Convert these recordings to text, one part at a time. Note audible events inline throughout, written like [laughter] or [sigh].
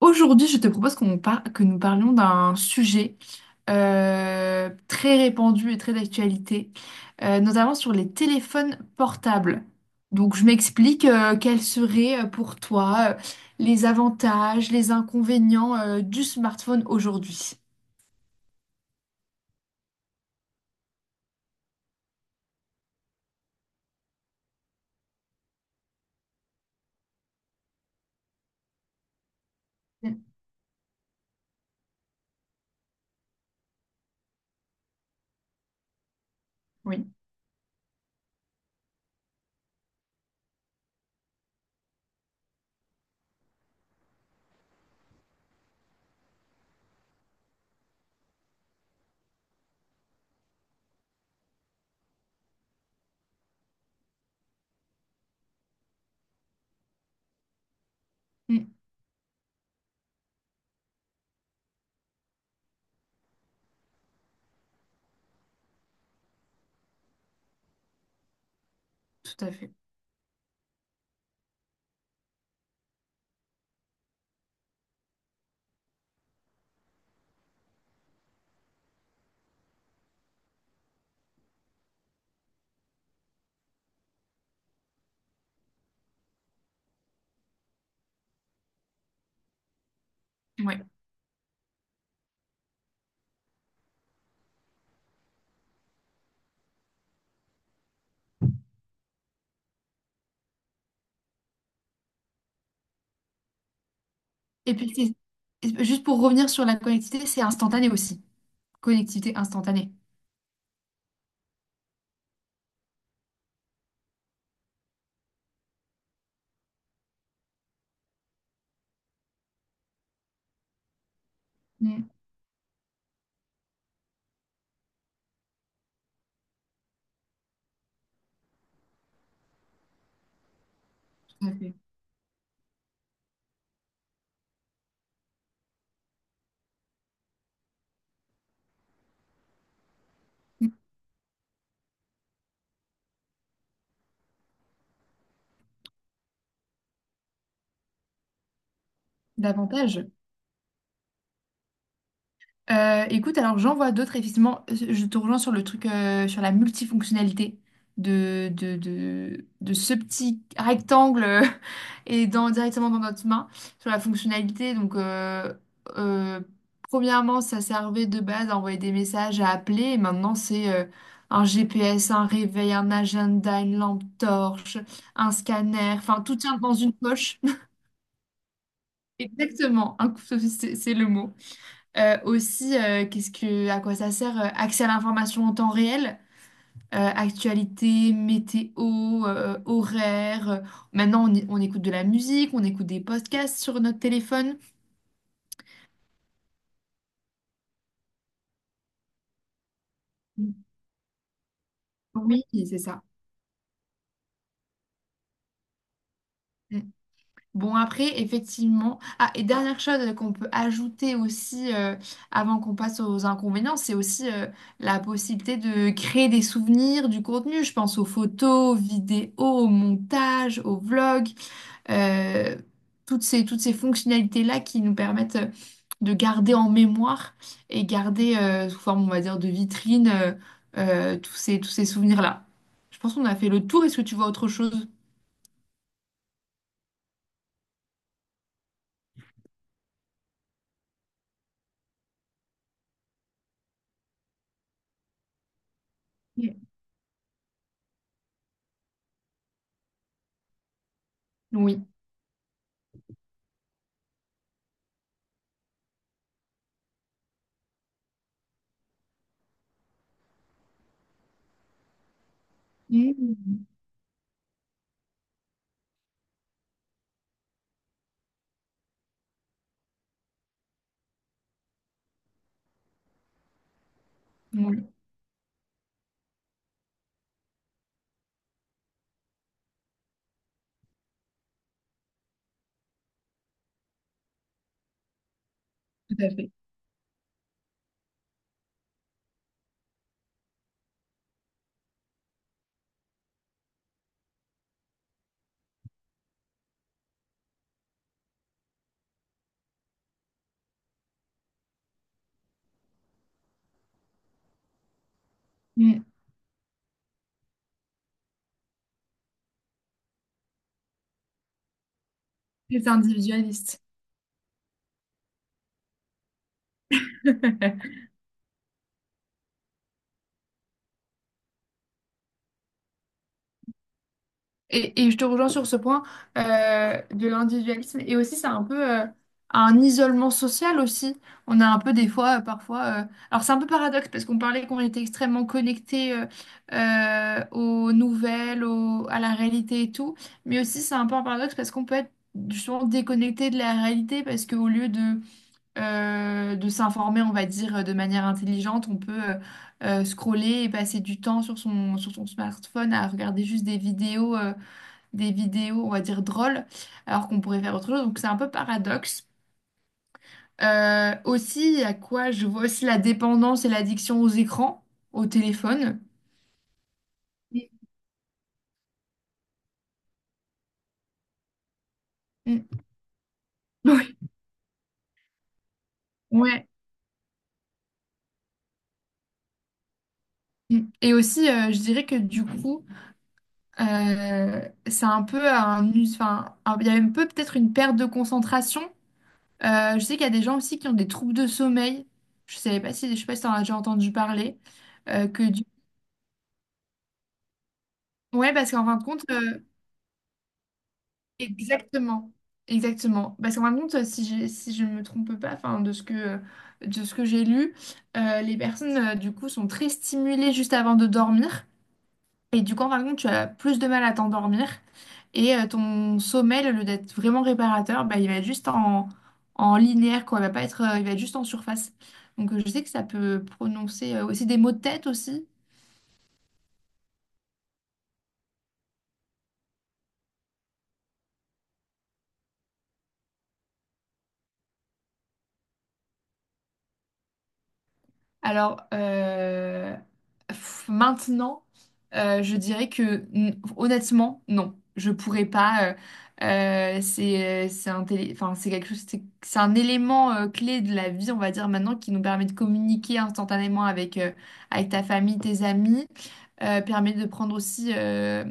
Aujourd'hui, je te propose que nous parlions d'un sujet très répandu et très d'actualité, notamment sur les téléphones portables. Donc, je m'explique, quels seraient, pour toi, les avantages, les inconvénients du smartphone aujourd'hui. Mm. Oui. Mm, tout à fait. Ouais. Et puis, juste pour revenir sur la connectivité, c'est instantané aussi. Connectivité instantanée. Mm, tout à fait. Mm. Davantage. Écoute, alors j'en vois d'autres, effectivement. Je te rejoins sur le truc, sur la multifonctionnalité de ce petit rectangle [laughs] et directement dans notre main, sur la fonctionnalité. Donc, euh, premièrement, ça servait de base à envoyer des messages, à appeler. Et maintenant, c'est un GPS, un réveil, un agenda, une lampe torche, un scanner. Enfin, tout tient dans une poche. [laughs] Exactement, un couteau, c'est le mot. Aussi, à quoi ça sert? Accès à l'information en temps réel, actualité, météo, horaire. Maintenant, on écoute de la musique, on écoute des podcasts sur notre téléphone. Oui, c'est ça. Mm. Bon, après, effectivement. Ah, et dernière chose qu'on peut ajouter aussi, avant qu'on passe aux inconvénients, c'est aussi, la possibilité de créer des souvenirs, du contenu. Je pense aux photos, aux vidéos, au montage, aux vlogs. euh, Toutes ces fonctionnalités-là qui nous permettent de garder en mémoire et garder, sous forme, on va dire, de vitrine, tous ces souvenirs-là. Je pense qu'on a fait le tour. Est-ce que tu vois autre chose? Oui. Oui. Mm. Oui, tout à fait. Mm. Très individualiste. [laughs] Et je te rejoins sur ce point, de l'individualisme. Et aussi, c'est un peu, un isolement social aussi. On a un peu des fois, parfois. Alors, c'est un peu paradoxe parce qu'on parlait qu'on était extrêmement connecté aux nouvelles, à la réalité et tout. Mais aussi, c'est un peu un paradoxe parce qu'on peut être justement déconnecté de la réalité parce qu'au lieu de s'informer, on va dire, de manière intelligente, on peut. Scroller et passer du temps sur sur son smartphone à regarder juste des vidéos, des vidéos, on va dire, drôles, alors qu'on pourrait faire autre chose. Donc c'est un peu paradoxe. Aussi, à quoi je vois aussi la dépendance et l'addiction aux écrans, au téléphone. Oui. Mm. Oui. Ouais. Mm. Et aussi, je dirais que du coup, c'est un peu un... il y a un peu peut-être une perte de concentration. Je sais qu'il y a des gens aussi qui ont des troubles de sommeil. Je savais pas si, je sais pas si t'en as déjà entendu parler. Que du... Ouais, parce qu'en fin de compte, Exactement, exactement. Parce qu'en fin de compte, si je ne me trompe pas, enfin, de ce que j'ai lu, les personnes, du coup, sont très stimulées juste avant de dormir. Et du coup, en fin de compte, tu as plus de mal à t'endormir. Et ton sommeil, au lieu d'être vraiment réparateur, bah, il va être juste en, en linéaire, quoi. Il va pas il va être juste en surface. Donc, je sais que ça peut prononcer aussi des maux de tête aussi. Alors, maintenant, je dirais que honnêtement, non, je pourrais pas. Enfin c'est quelque chose, c'est un élément clé de la vie, on va dire maintenant, qui nous permet de communiquer instantanément avec, avec ta famille, tes amis, permet de prendre aussi,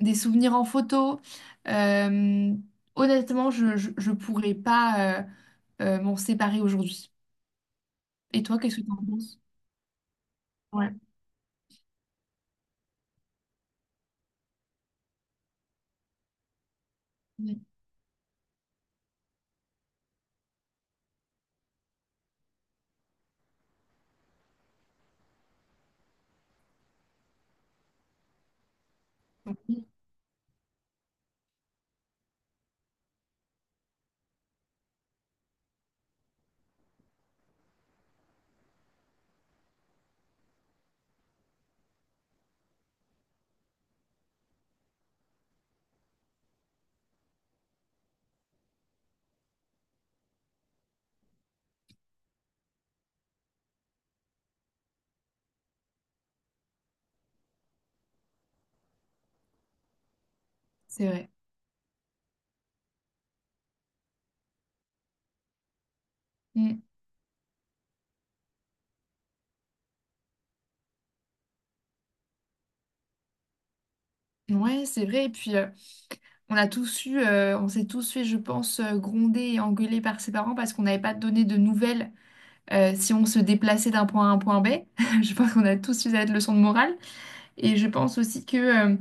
des souvenirs en photo. Euh, honnêtement, je pourrais pas, m'en séparer aujourd'hui. Et toi, qu'est-ce que tu en penses? Ouais. Mm. C'est vrai. Mm. Ouais, c'est vrai. Et puis, on a tous eu, on s'est tous fait, je pense, gronder et engueuler par ses parents parce qu'on n'avait pas donné de nouvelles, si on se déplaçait d'un point A à un point B. [laughs] Je pense qu'on a tous eu cette leçon de morale. Et je pense aussi que euh,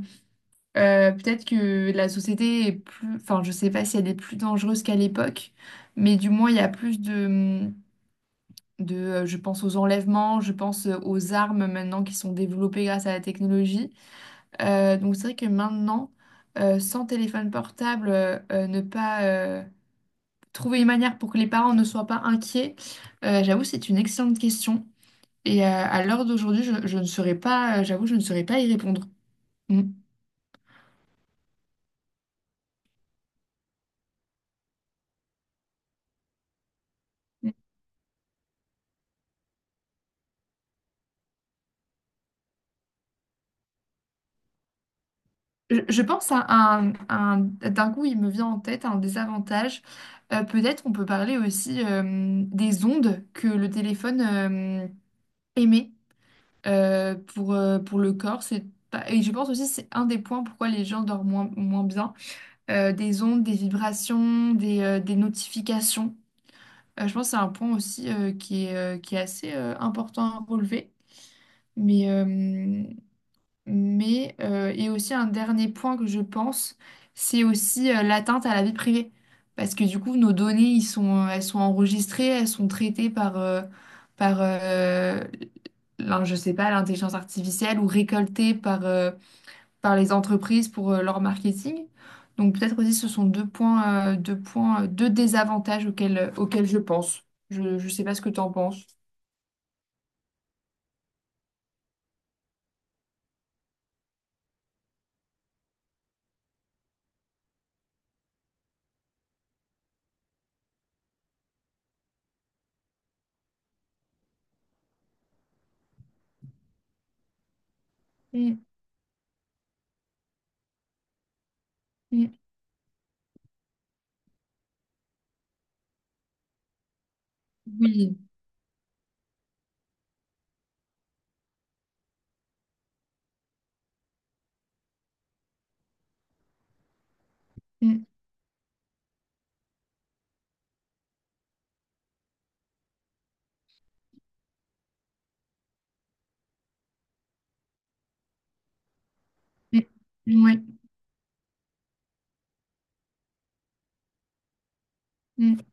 euh, peut-être que la société est plus, enfin, je sais pas si elle est plus dangereuse qu'à l'époque, mais du moins, il y a plus de. Je pense aux enlèvements, je pense, aux armes maintenant qui sont développées grâce à la technologie. Donc c'est vrai que maintenant, sans téléphone portable, ne pas trouver une manière pour que les parents ne soient pas inquiets, j'avoue, c'est une excellente question. Et à l'heure d'aujourd'hui, je ne saurais pas, j'avoue, je ne saurais pas y répondre. Mm. Je pense à d'un coup, il me vient en tête un désavantage. Peut-être on peut parler aussi, des ondes que le téléphone émet. Pour le corps. C'est pas- Et je pense aussi c'est un des points pourquoi les gens dorment moins, moins bien. Des ondes, des vibrations, des notifications. Je pense que c'est un point aussi, qui est assez, important à relever. Mais, euh, et aussi un dernier point que je pense, c'est aussi, l'atteinte à la vie privée. Parce que du coup, nos données, elles sont enregistrées, elles sont traitées par je sais pas, l'intelligence artificielle ou récoltées par les entreprises pour, leur marketing. Donc peut-être aussi ce sont deux points, deux désavantages auxquels je pense. Je ne sais pas ce que tu en penses. Mm, mm. Oui. Mm, mm. Oui. Mm.